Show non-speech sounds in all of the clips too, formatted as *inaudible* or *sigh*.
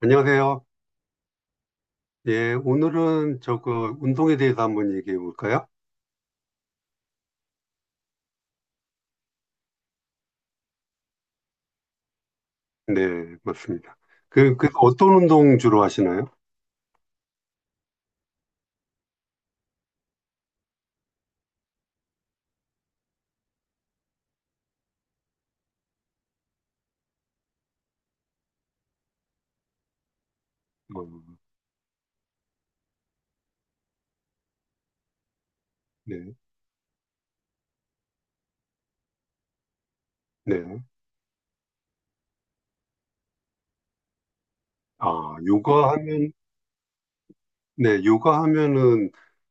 안녕하세요. 예, 오늘은 저거 운동에 대해서 한번 얘기해 볼까요? 네, 맞습니다. 그 어떤 운동 주로 하시나요? 어, 네, 네. 아, 요가 하면, 네, 요가 하면은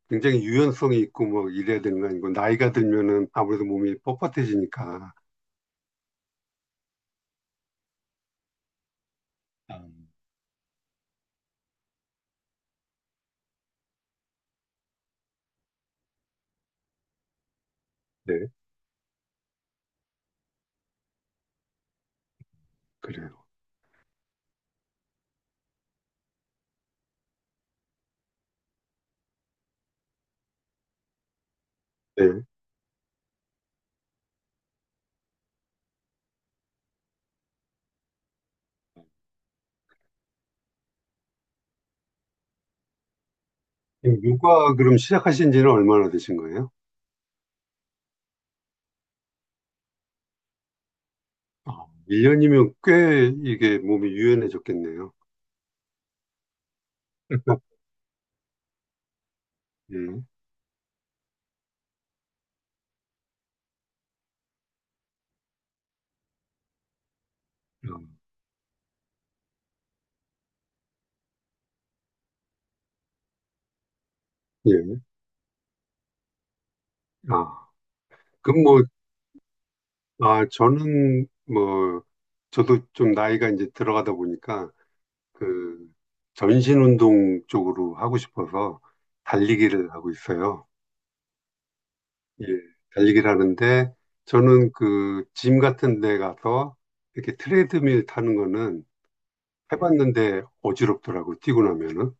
굉장히 유연성이 있고 뭐 이래야 되는 거 아니고 나이가 들면은 아무래도 몸이 뻣뻣해지니까. 아, 네, 그래요. 네. 지금 요가 그럼 시작하신 지는 얼마나 되신 거예요? 아, 1년이면 꽤 이게 몸이 유연해졌겠네요. *laughs* 예. 음, 예. 아. 그럼 뭐, 아, 저는 뭐, 저도 좀 나이가 이제 들어가다 보니까 그 전신 운동 쪽으로 하고 싶어서 달리기를 하고 있어요. 예, 달리기를 하는데 저는 그 짐 같은 데 가서 이렇게 트레드밀 타는 거는 네. 해봤는데 어지럽더라고, 뛰고 나면은.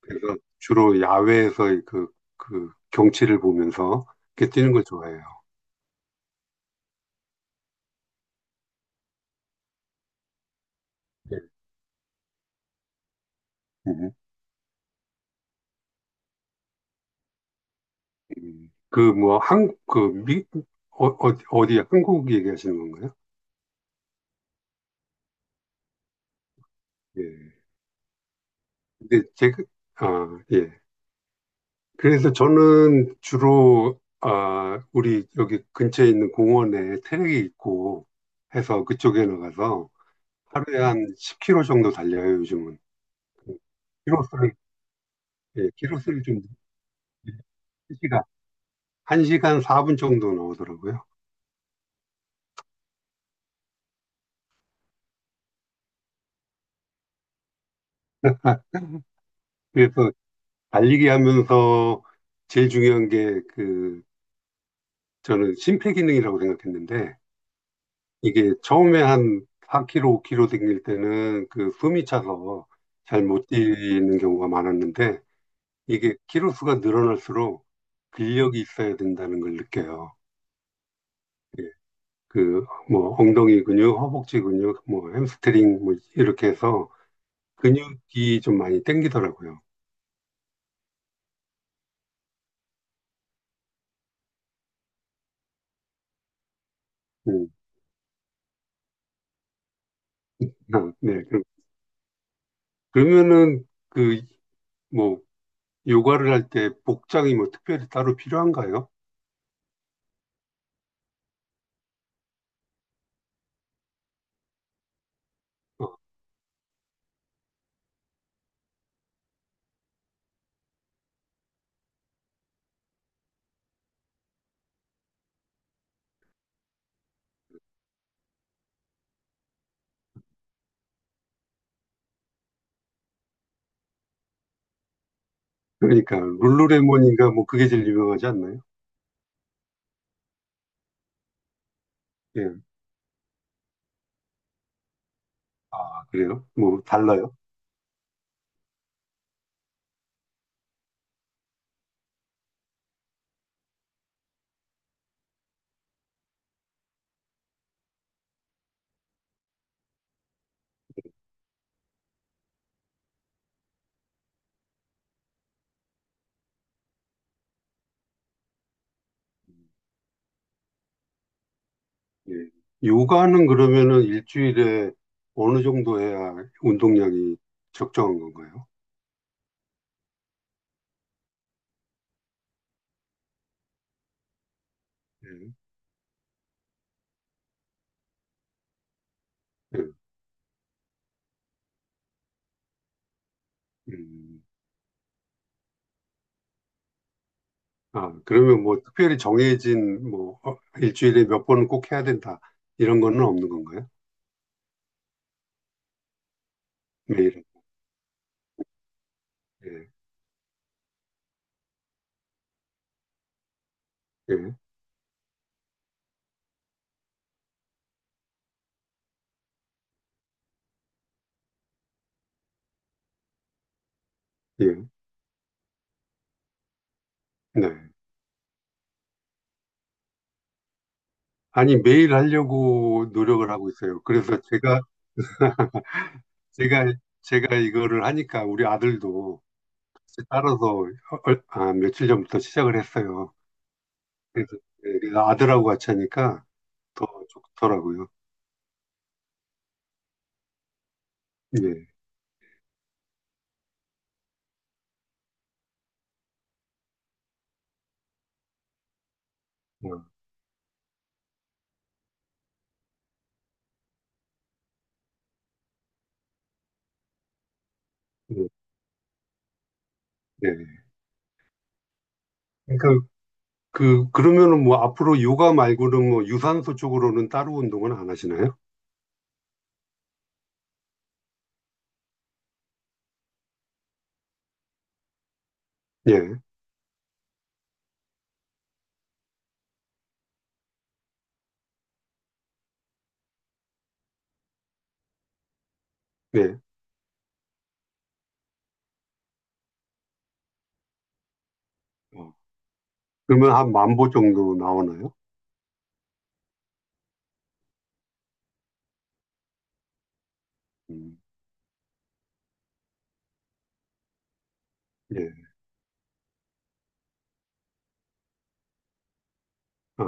그래서 주로 야외에서 그, 그 경치를 보면서 이렇게 뛰는 걸 좋아해요. 예. 음. 음. 그, 뭐, 한, 그, 미, 어, 어, 어디, 한국 얘기하시는 건가요? 예. 근데 제가, 아, 예. 그래서 저는 주로, 아, 우리 여기 근처에 있는 공원에 트랙이 있고 해서 그쪽에 나가서 하루에 한 10km 정도 달려요, 요즘은. 키로수를, 예, 키로수를 좀, 1시간, 한 시간 4분 정도 나오더라고요. 그래서 달리기 하면서 제일 중요한 게그 저는 심폐기능이라고 생각했는데 이게 처음에 한 4kg, 5kg 댕길 때는 그 숨이 차서 잘 못 뛰는 경우가 많았는데 이게 키로수가 늘어날수록 근력이 있어야 된다는 걸 느껴요. 예, 그 뭐 엉덩이 근육, 허벅지 근육, 뭐 햄스트링 뭐 이렇게 해서 근육이 좀 많이 땡기더라고요. 음, 아, 네. 그러면은 뭐 요가를 할 때 복장이 뭐 특별히 따로 필요한가요? 어. 그러니까 룰루레몬인가 뭐 그게 제일 유명하지 않나요? 예. 아, 그래요? 뭐 달라요? 예. 요가는 그러면은 일주일에 어느 정도 해야 운동량이 적정한 건가요? 예. 예. 음. 아, 그러면 뭐 특별히 정해진 뭐 어, 일주일에 몇 번은 꼭 해야 된다 이런 거는 없는 건가요? 매일. 예. 예. 예. 네. 아니 매일 하려고 노력을 하고 있어요. 그래서 제가 제가 이거를 하니까 우리 아들도 따라서 아, 며칠 전부터 시작을 했어요. 그래서 내가 아들하고 같이 하니까 더 좋더라고요. 예. 어, 예. 예. 그러니까 그러면은 뭐 앞으로 요가 말고는 뭐 유산소 쪽으로는 따로 운동은 안 하시나요? 예. 예. 어. 그러면 한 만보 정도 나오나요? 음. 예. 어.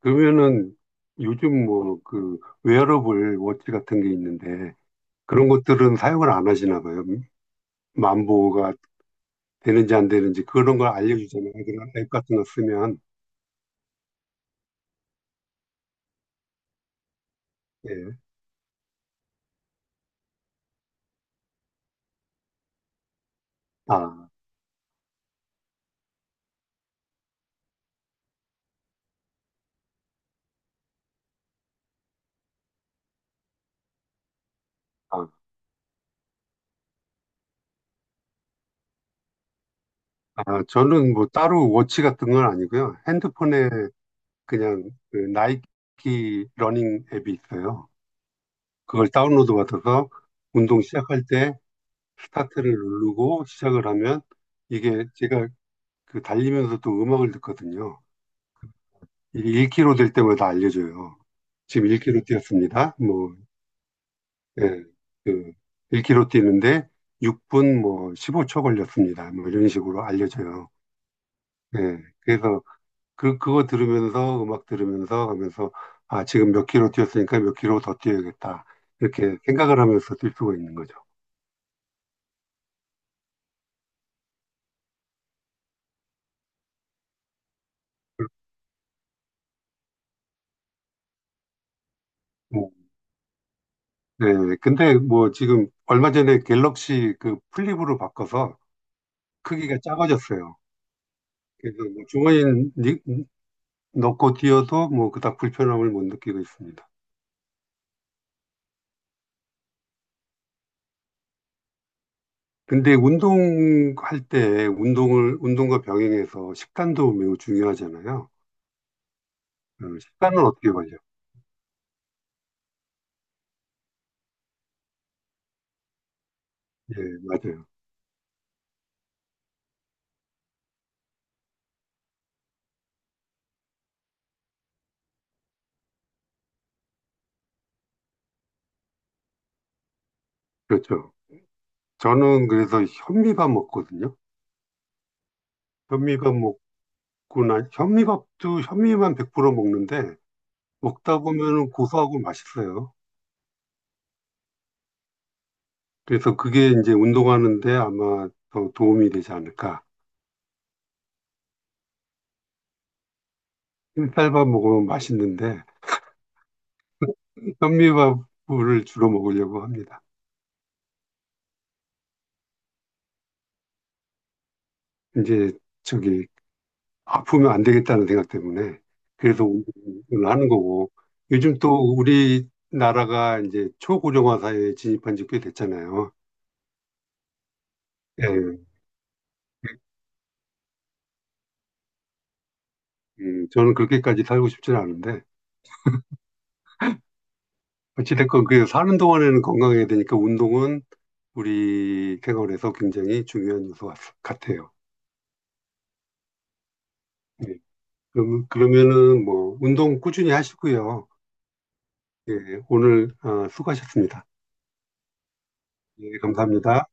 그러면은 요즘 뭐 그 웨어러블 워치 같은 게 있는데 그런 것들은 사용을 안 하시나 봐요. 만보가 되는지 안 되는지 그런 걸 알려주잖아요. 그런 앱 같은 거 쓰면. 예. 아, 아, 아, 저는 뭐 따로 워치 같은 건 아니고요. 핸드폰에 그냥 그 나이키 러닝 앱이 있어요. 그걸 다운로드 받아서 운동 시작할 때 스타트를 누르고 시작을 하면 이게 제가 그 달리면서도 음악을 듣거든요. 이게 1km 될 때마다 알려줘요. 지금 1km 뛰었습니다. 뭐 예, 그 1km 뛰는데 6분 뭐 15초 걸렸습니다. 뭐 이런 식으로 알려져요. 예, 그래서 그 그거 들으면서 음악 들으면서 하면서 아 지금 몇 킬로 뛰었으니까 몇 킬로 더 뛰어야겠다 이렇게 생각을 하면서 뛸 수가 있는 거죠. 뭐, 예, 근데 뭐 지금 얼마 전에 갤럭시 그 플립으로 바꿔서 크기가 작아졌어요. 그래서 뭐 주머니 넣고 뛰어도 뭐 그닥 불편함을 못 느끼고 있습니다. 근데 운동할 때 운동을 운동과 병행해서 식단도 매우 중요하잖아요. 식단은 어떻게 관리해요? 예, 맞아요. 그렇죠. 저는 그래서 현미밥 먹거든요. 현미밥 먹고 나 현미밥도 현미만 100% 먹는데 먹다 보면 고소하고 맛있어요. 그래서 그게 이제 운동하는데 아마 더 도움이 되지 않을까. 흰쌀밥 먹으면 맛있는데 현미밥을 주로 먹으려고 합니다. 이제 저기 아프면 안 되겠다는 생각 때문에 그래서 운동을 하는 거고 요즘 또 우리나라가 이제 초고령화 사회에 진입한 지 꽤 됐잖아요. 예, 저는 그렇게까지 살고 싶지는 않은데 어찌됐건 그 사는 동안에는 건강해야 되니까 운동은 우리 생활에서 굉장히 중요한 요소 같아요. 예, 그럼, 그러면은 뭐 운동 꾸준히 하시고요. 예, 오늘 아, 수고하셨습니다. 예, 감사합니다.